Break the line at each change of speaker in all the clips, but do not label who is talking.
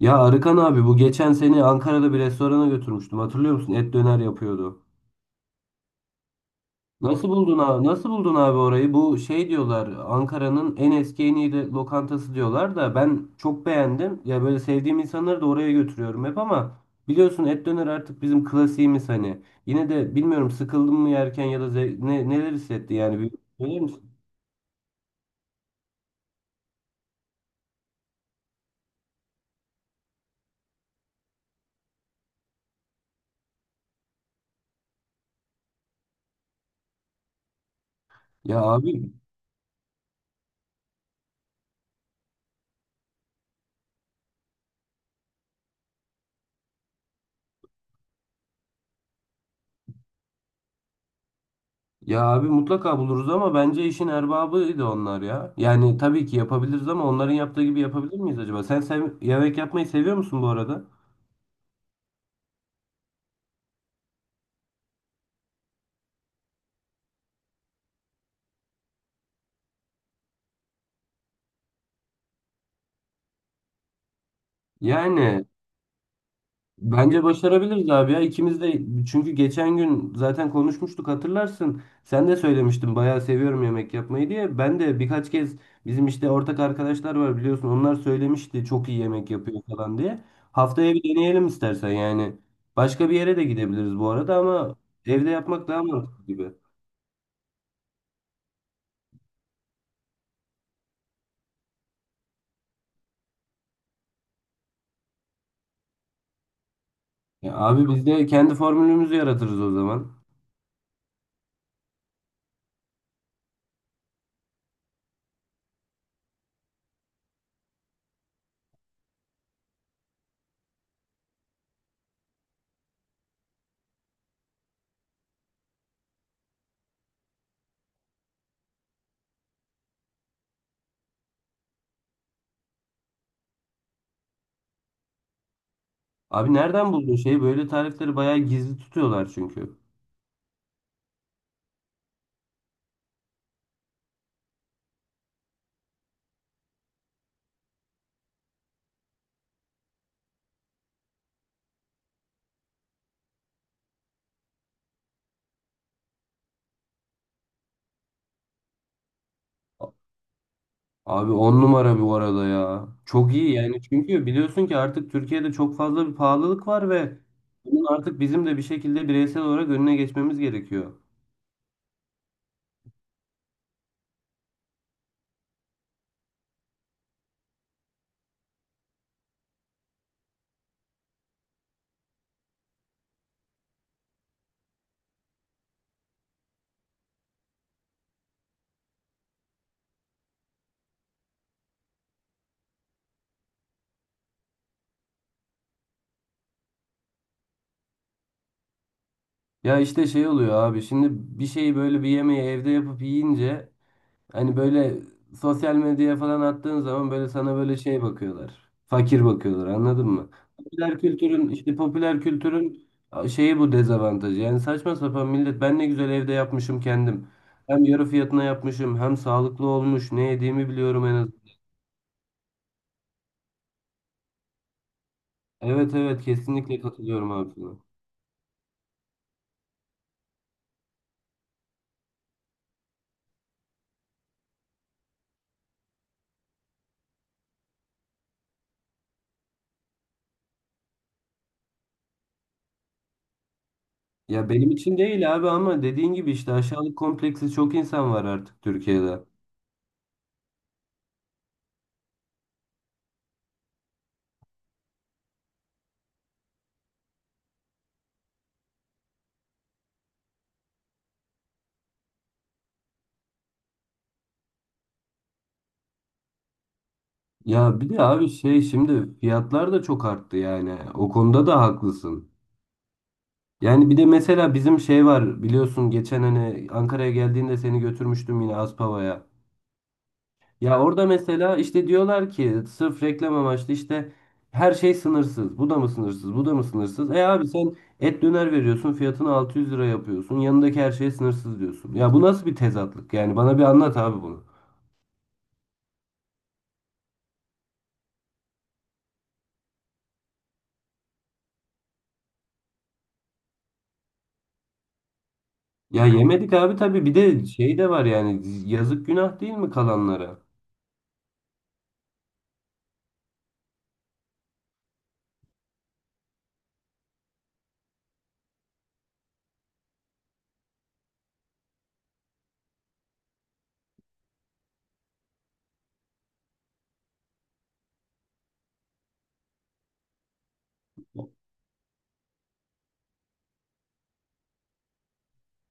Ya Arıkan abi bu geçen seni Ankara'da bir restorana götürmüştüm. Hatırlıyor musun? Et döner yapıyordu. Nasıl buldun abi? Nasıl buldun abi orayı? Bu şey diyorlar Ankara'nın en eski en iyi lokantası diyorlar da ben çok beğendim. Ya böyle sevdiğim insanları da oraya götürüyorum hep ama biliyorsun et döner artık bizim klasiğimiz hani. Yine de bilmiyorum sıkıldın mı yerken ya da neler hissetti yani bir söyler misin? Ya abi Ya abi mutlaka buluruz ama bence işin erbabıydı onlar ya. Yani tabii ki yapabiliriz ama onların yaptığı gibi yapabilir miyiz acaba? Sen yemek yapmayı seviyor musun bu arada? Yani bence başarabiliriz abi ya. İkimiz de çünkü geçen gün zaten konuşmuştuk hatırlarsın. Sen de söylemiştin bayağı seviyorum yemek yapmayı diye. Ben de birkaç kez bizim işte ortak arkadaşlar var biliyorsun. Onlar söylemişti çok iyi yemek yapıyor falan diye. Haftaya bir deneyelim istersen yani. Başka bir yere de gidebiliriz bu arada ama evde yapmak daha mantıklı gibi. Ya abi biz de kendi formülümüzü yaratırız o zaman. Abi nereden buldun şeyi? Böyle tarifleri bayağı gizli tutuyorlar çünkü. Abi on numara bu arada ya. Çok iyi yani çünkü biliyorsun ki artık Türkiye'de çok fazla bir pahalılık var ve bunun artık bizim de bir şekilde bireysel olarak önüne geçmemiz gerekiyor. Ya işte şey oluyor abi şimdi bir şeyi böyle bir yemeği evde yapıp yiyince hani böyle sosyal medyaya falan attığın zaman böyle sana böyle şey bakıyorlar. Fakir bakıyorlar anladın mı? Popüler kültürün işte popüler kültürün şeyi bu dezavantajı. Yani saçma sapan millet ben ne güzel evde yapmışım kendim. Hem yarı fiyatına yapmışım hem sağlıklı olmuş. Ne yediğimi biliyorum en az. Evet evet, kesinlikle katılıyorum abi sana. Ya benim için değil abi ama dediğin gibi işte aşağılık kompleksi çok insan var artık Türkiye'de. Ya bir de abi şey şimdi fiyatlar da çok arttı yani. O konuda da haklısın. Yani bir de mesela bizim şey var biliyorsun geçen hani Ankara'ya geldiğinde seni götürmüştüm yine Aspava'ya. Ya orada mesela işte diyorlar ki sırf reklam amaçlı işte her şey sınırsız. Bu da mı sınırsız? Bu da mı sınırsız? E abi sen et döner veriyorsun fiyatını 600 lira yapıyorsun. Yanındaki her şey sınırsız diyorsun. Ya bu nasıl bir tezatlık? Yani bana bir anlat abi bunu. Ya yemedik abi tabii, bir de şey de var yani yazık, günah değil mi kalanlara?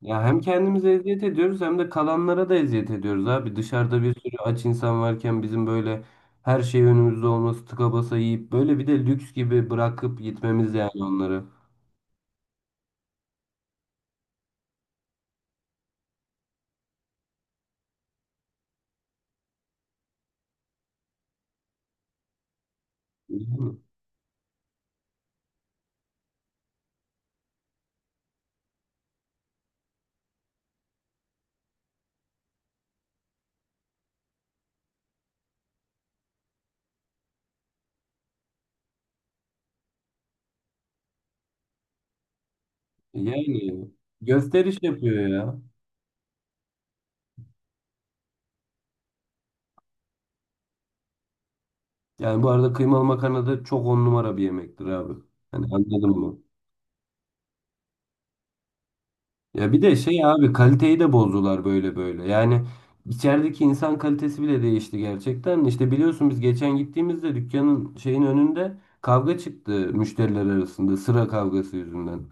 Ya hem kendimize eziyet ediyoruz hem de kalanlara da eziyet ediyoruz abi. Dışarıda bir sürü aç insan varken bizim böyle her şey önümüzde olması, tıka basa yiyip böyle bir de lüks gibi bırakıp gitmemiz yani onları. Değil mi? Yani gösteriş yapıyor ya. Yani bu arada kıymalı makarna da çok on numara bir yemektir abi. Hani anladım. Ya bir de şey abi kaliteyi de bozdular böyle böyle. Yani içerideki insan kalitesi bile değişti gerçekten. İşte biliyorsun biz geçen gittiğimizde dükkanın şeyin önünde kavga çıktı müşteriler arasında sıra kavgası yüzünden.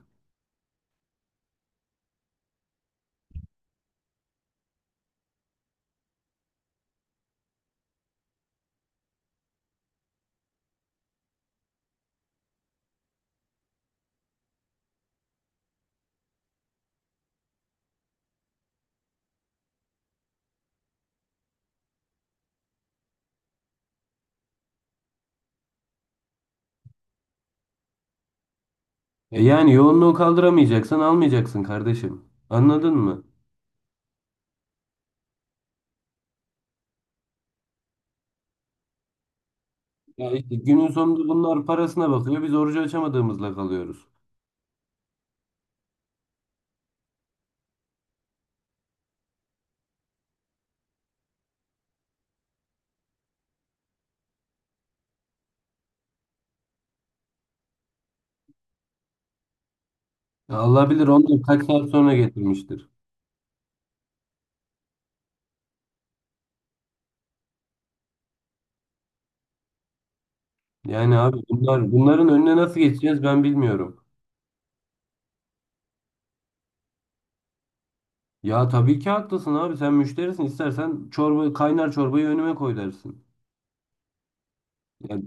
Evet. Yani yoğunluğu kaldıramayacaksan almayacaksın kardeşim. Anladın mı? Ya işte günün sonunda bunlar parasına bakıyor. Biz orucu açamadığımızla kalıyoruz. Ya Allah bilir onları kaç saat sonra getirmiştir. Yani abi bunlar bunların önüne nasıl geçeceğiz ben bilmiyorum. Ya tabii ki haklısın abi, sen müşterisin istersen çorba kaynar, çorbayı önüme koy dersin. Ya,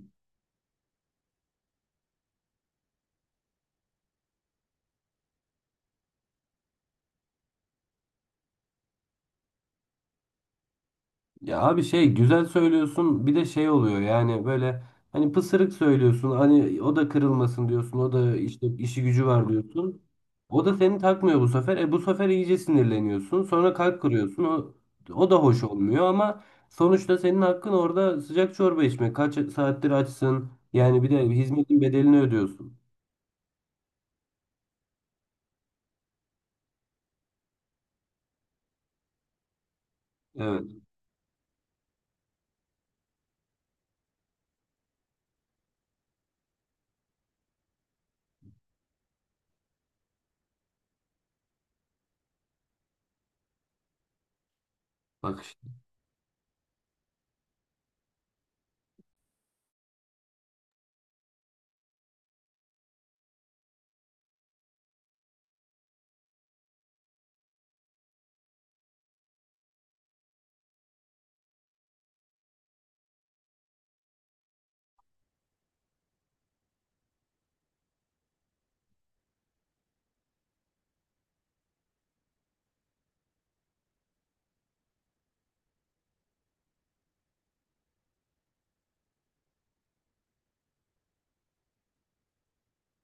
ya abi şey güzel söylüyorsun bir de şey oluyor yani böyle hani pısırık söylüyorsun, hani o da kırılmasın diyorsun, o da işte işi gücü var diyorsun. O da seni takmıyor bu sefer. E bu sefer iyice sinirleniyorsun sonra kalp kırıyorsun o da hoş olmuyor ama sonuçta senin hakkın orada sıcak çorba içmek, kaç saattir açsın yani bir de hizmetin bedelini ödüyorsun. Evet, bak işte.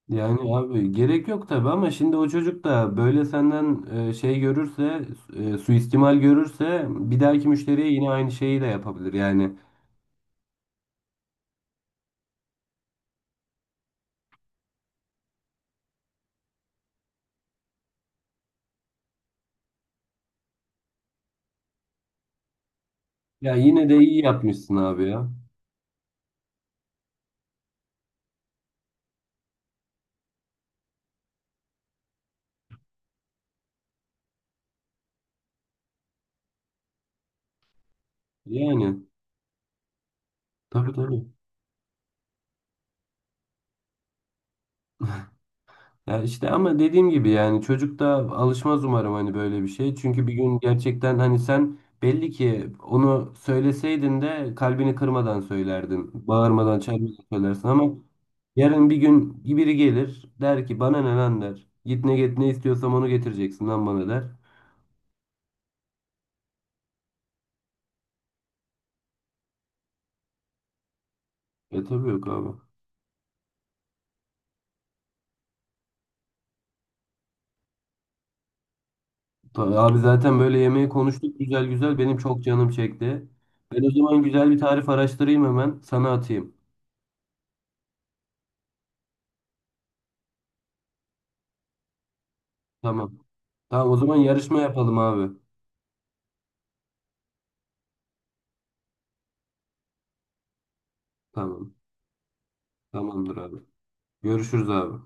Yani abi gerek yok tabii ama şimdi o çocuk da böyle senden şey görürse, suistimal görürse bir dahaki müşteriye yine aynı şeyi de yapabilir. Yani ya yine de iyi yapmışsın abi ya. Yani tabii tabii. Ya işte ama dediğim gibi yani çocuk da alışmaz umarım hani böyle bir şey. Çünkü bir gün gerçekten hani sen belli ki onu söyleseydin de kalbini kırmadan söylerdin. Bağırmadan, çağırmadan söylersin ama yarın bir gün biri gelir der ki bana ne lan der. Git ne istiyorsam onu getireceksin lan bana der. E tabii yok abi. Abi zaten böyle yemeği konuştuk güzel güzel, benim çok canım çekti. Ben o zaman güzel bir tarif araştırayım hemen sana atayım. Tamam. Tamam, o zaman yarışma yapalım abi. Tamam. Tamamdır abi. Görüşürüz abi.